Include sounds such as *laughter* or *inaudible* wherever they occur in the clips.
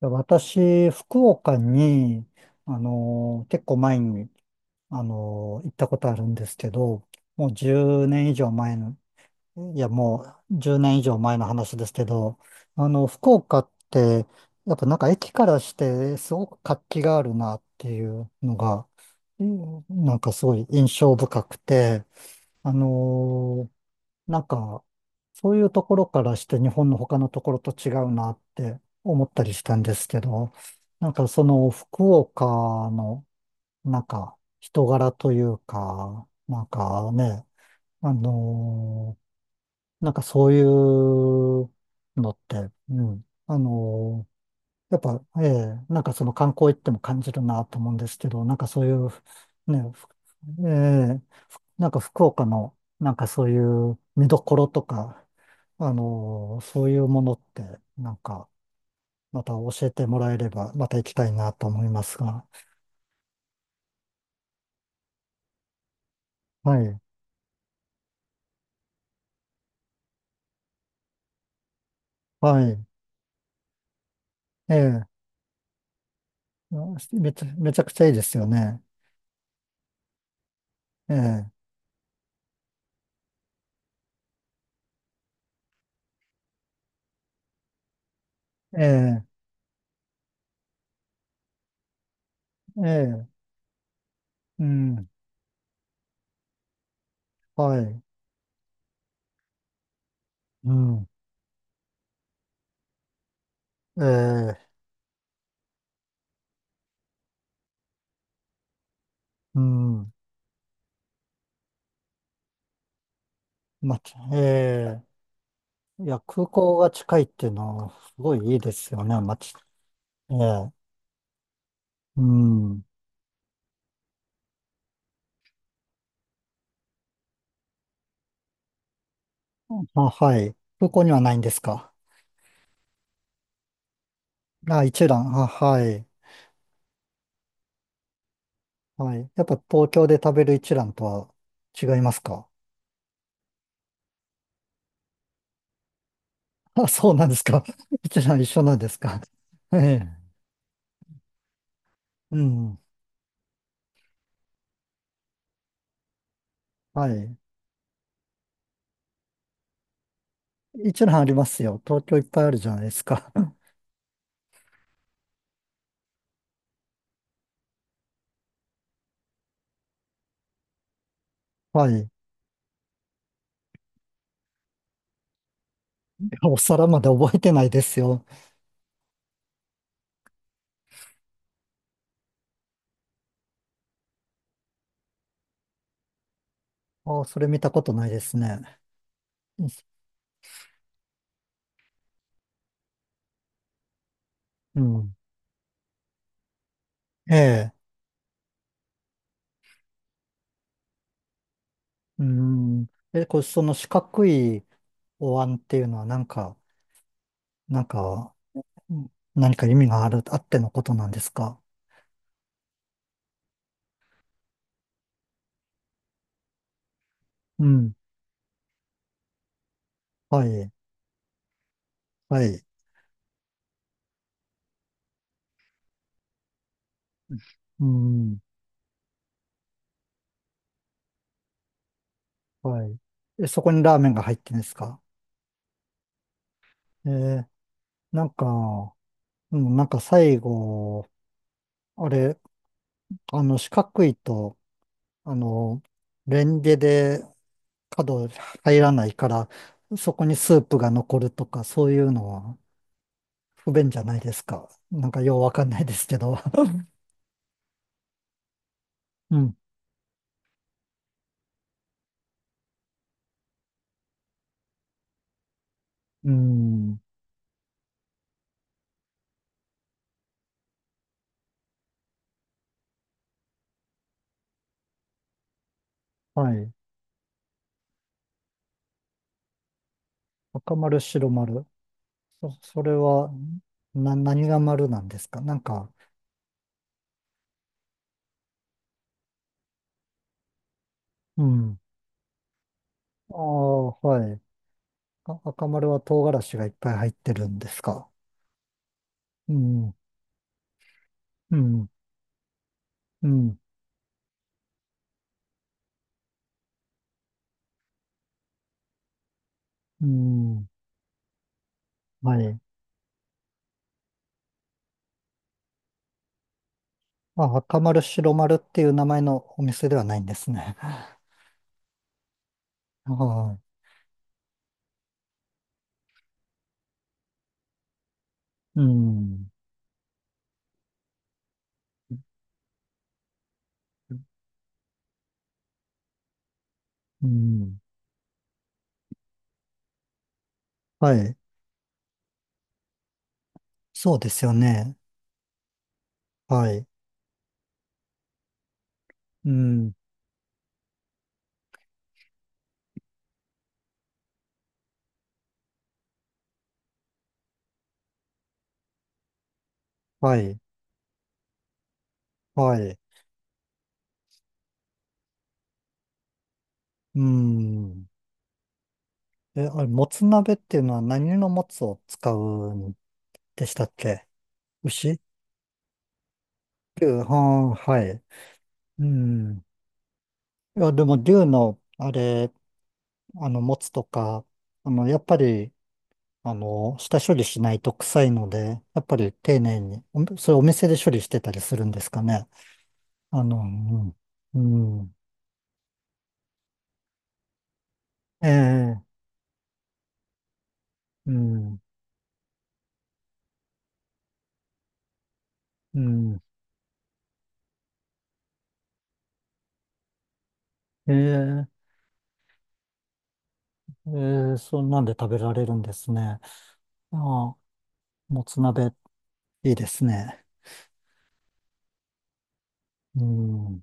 私、福岡に、結構前に、行ったことあるんですけど、もう10年以上前の、いや、もう1年以上前の話ですけど、福岡って、やっぱなんか駅からしてすごく活気があるなっていうのが、うんなんかすごい印象深くて、あのなんか、そういうところからして日本の他のところと違うなって思ったりしたんですけど、なんかその福岡の、なんか人柄というか、なんかね、あのーなんかそういうのって、うん、やっぱ、ええ、なんかその観光行っても感じるなと思うんですけど、なんかそういう、ね、ええ、なんか福岡の、なんかそういう見どころとか、そういうものって、なんか、また教えてもらえれば、また行きたいなと思いますが。はい。はい。ええ。めちゃくちゃいいですよね。ええ。ええ。ええ。うん。はい。うん。ええ。うん。ええ。いや、空港が近いっていうのは、すごいいいですよね、まち。ええ。うん。あ、はい。空港にはないんですか？あ、一覧。あ、はい。はい。やっぱ東京で食べる一蘭とは違いますか？ *laughs* あ、そうなんですか？*laughs* 一蘭一緒なんですか？*laughs* ええ。うん。はい。一蘭ありますよ。東京いっぱいあるじゃないですか。*laughs* はい。いやお皿まで覚えてないですよ。ああ、それ見たことないですね。うん。ええ。うん。え、これ、その四角いお椀っていうのはなんか、なんか、うん何か意味がある、あってのことなんですか？うん。はい。はい。うん。はい。え、そこにラーメンが入ってんですか？えーなんか、うん、なんか最後、あれ、四角いと、あの、レンゲで角入らないから、そこにスープが残るとか、そういうのは不便じゃないですか。なんかようわかんないですけど。*laughs* うん。うん。はい。赤丸、白丸。それは、何が丸なんですか？なんか、うん。ああ、はい。あ、赤丸は唐辛子がいっぱい入ってるんですか？うん、うん、うん、うん。はい。あ、赤丸、白丸っていう名前のお店ではないんですね。*laughs* はい。うん、うん。はい。そうですよね。はい。うん、はい、はい。うん。え、あれ、もつ鍋っていうのは何のもつを使うんでしたっけ？牛牛、あ、はい。うん。いや、でも牛の、あれ、持つとか、やっぱり、下処理しないと臭いので、やっぱり丁寧に、おそれお店で処理してたりするんですかね。あの、うん、うん、ええ、うん、うん、ええ、ええ、そんなんで食べられるんですね。ああ、もつ鍋、いいですね。うん、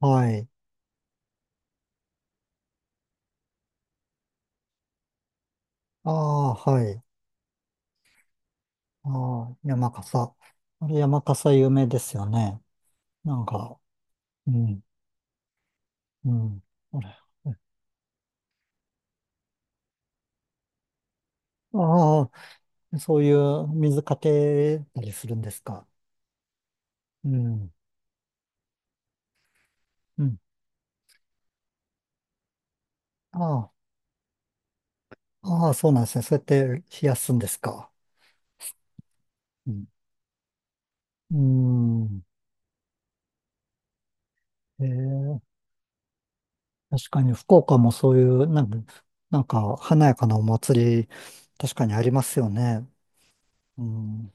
はい。ああ、はい。ああ、山笠。あれ、山笠有名ですよね。なんか、うん、うん。あれ、ああ、そういう水かけたりするんですか？うん。うん。ああ、ああ、そうなんですね。そうやって冷やすんですか？うん。うん、ええ、確かに福岡もそういう、なんか、なんか華やかなお祭り、確かにありますよね。うん。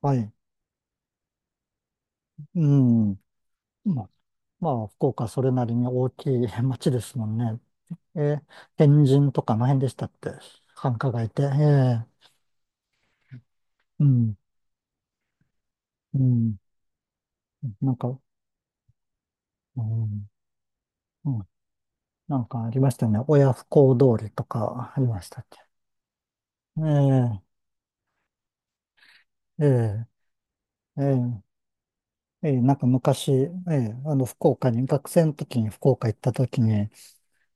はい。うん。まあ、まあ、福岡はそれなりに大きい *laughs* 町ですもんね。えー天神とかの辺でしたって、繁華街って。ええ、うん。うん。なんか、うん、うん、なんかありましたね。親不孝通りとかありましたっけ？ええ、ええ、ええ、ええなんか昔、ええ、福岡に、学生の時に福岡行った時に、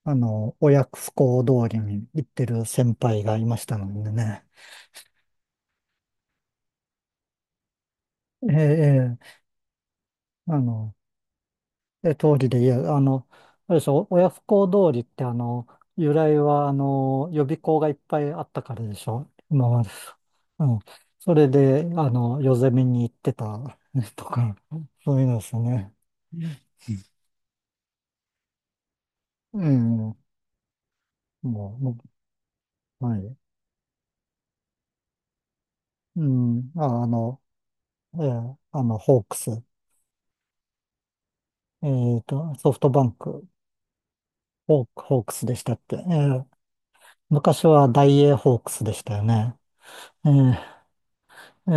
親不孝通りに行ってる先輩がいましたのでね。ええ、ええあの、え、通りで言う、あれでしょ、親不孝通りって由来は予備校がいっぱいあったからでしょ、今まで。うん。それで、夜攻めに行ってた *laughs* とか、そういうのですね。うん。もうはい。うん。あ、ホークス。ソフトバンク、ホークスでしたっけ？昔はダイエーホークスでしたよね。えーええ、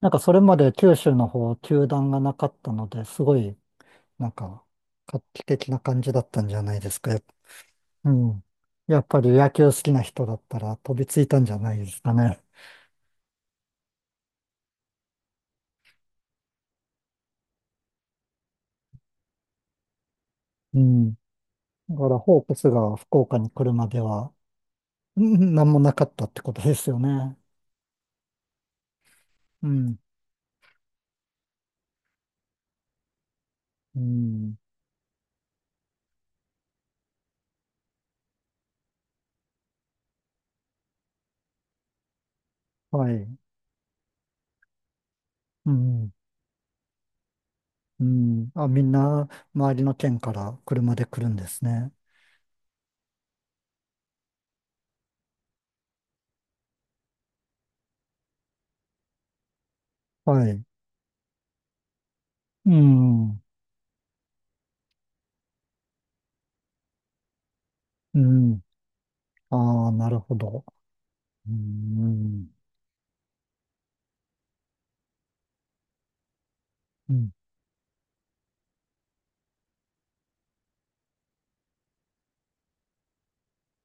なんかそれまで九州の方、球団がなかったので、すごい、なんか、画期的な感じだったんじゃないですか？うん。やっぱり野球好きな人だったら飛びついたんじゃないですかね。うん。だから、ホークスが福岡に来るまでは、うんなんもなかったってことですよね。うん。うん。はい。うん。うん。あ、みんな、周りの県から車で来るんですね。はい。うん。うん。ああ、なるほど。うん。うん。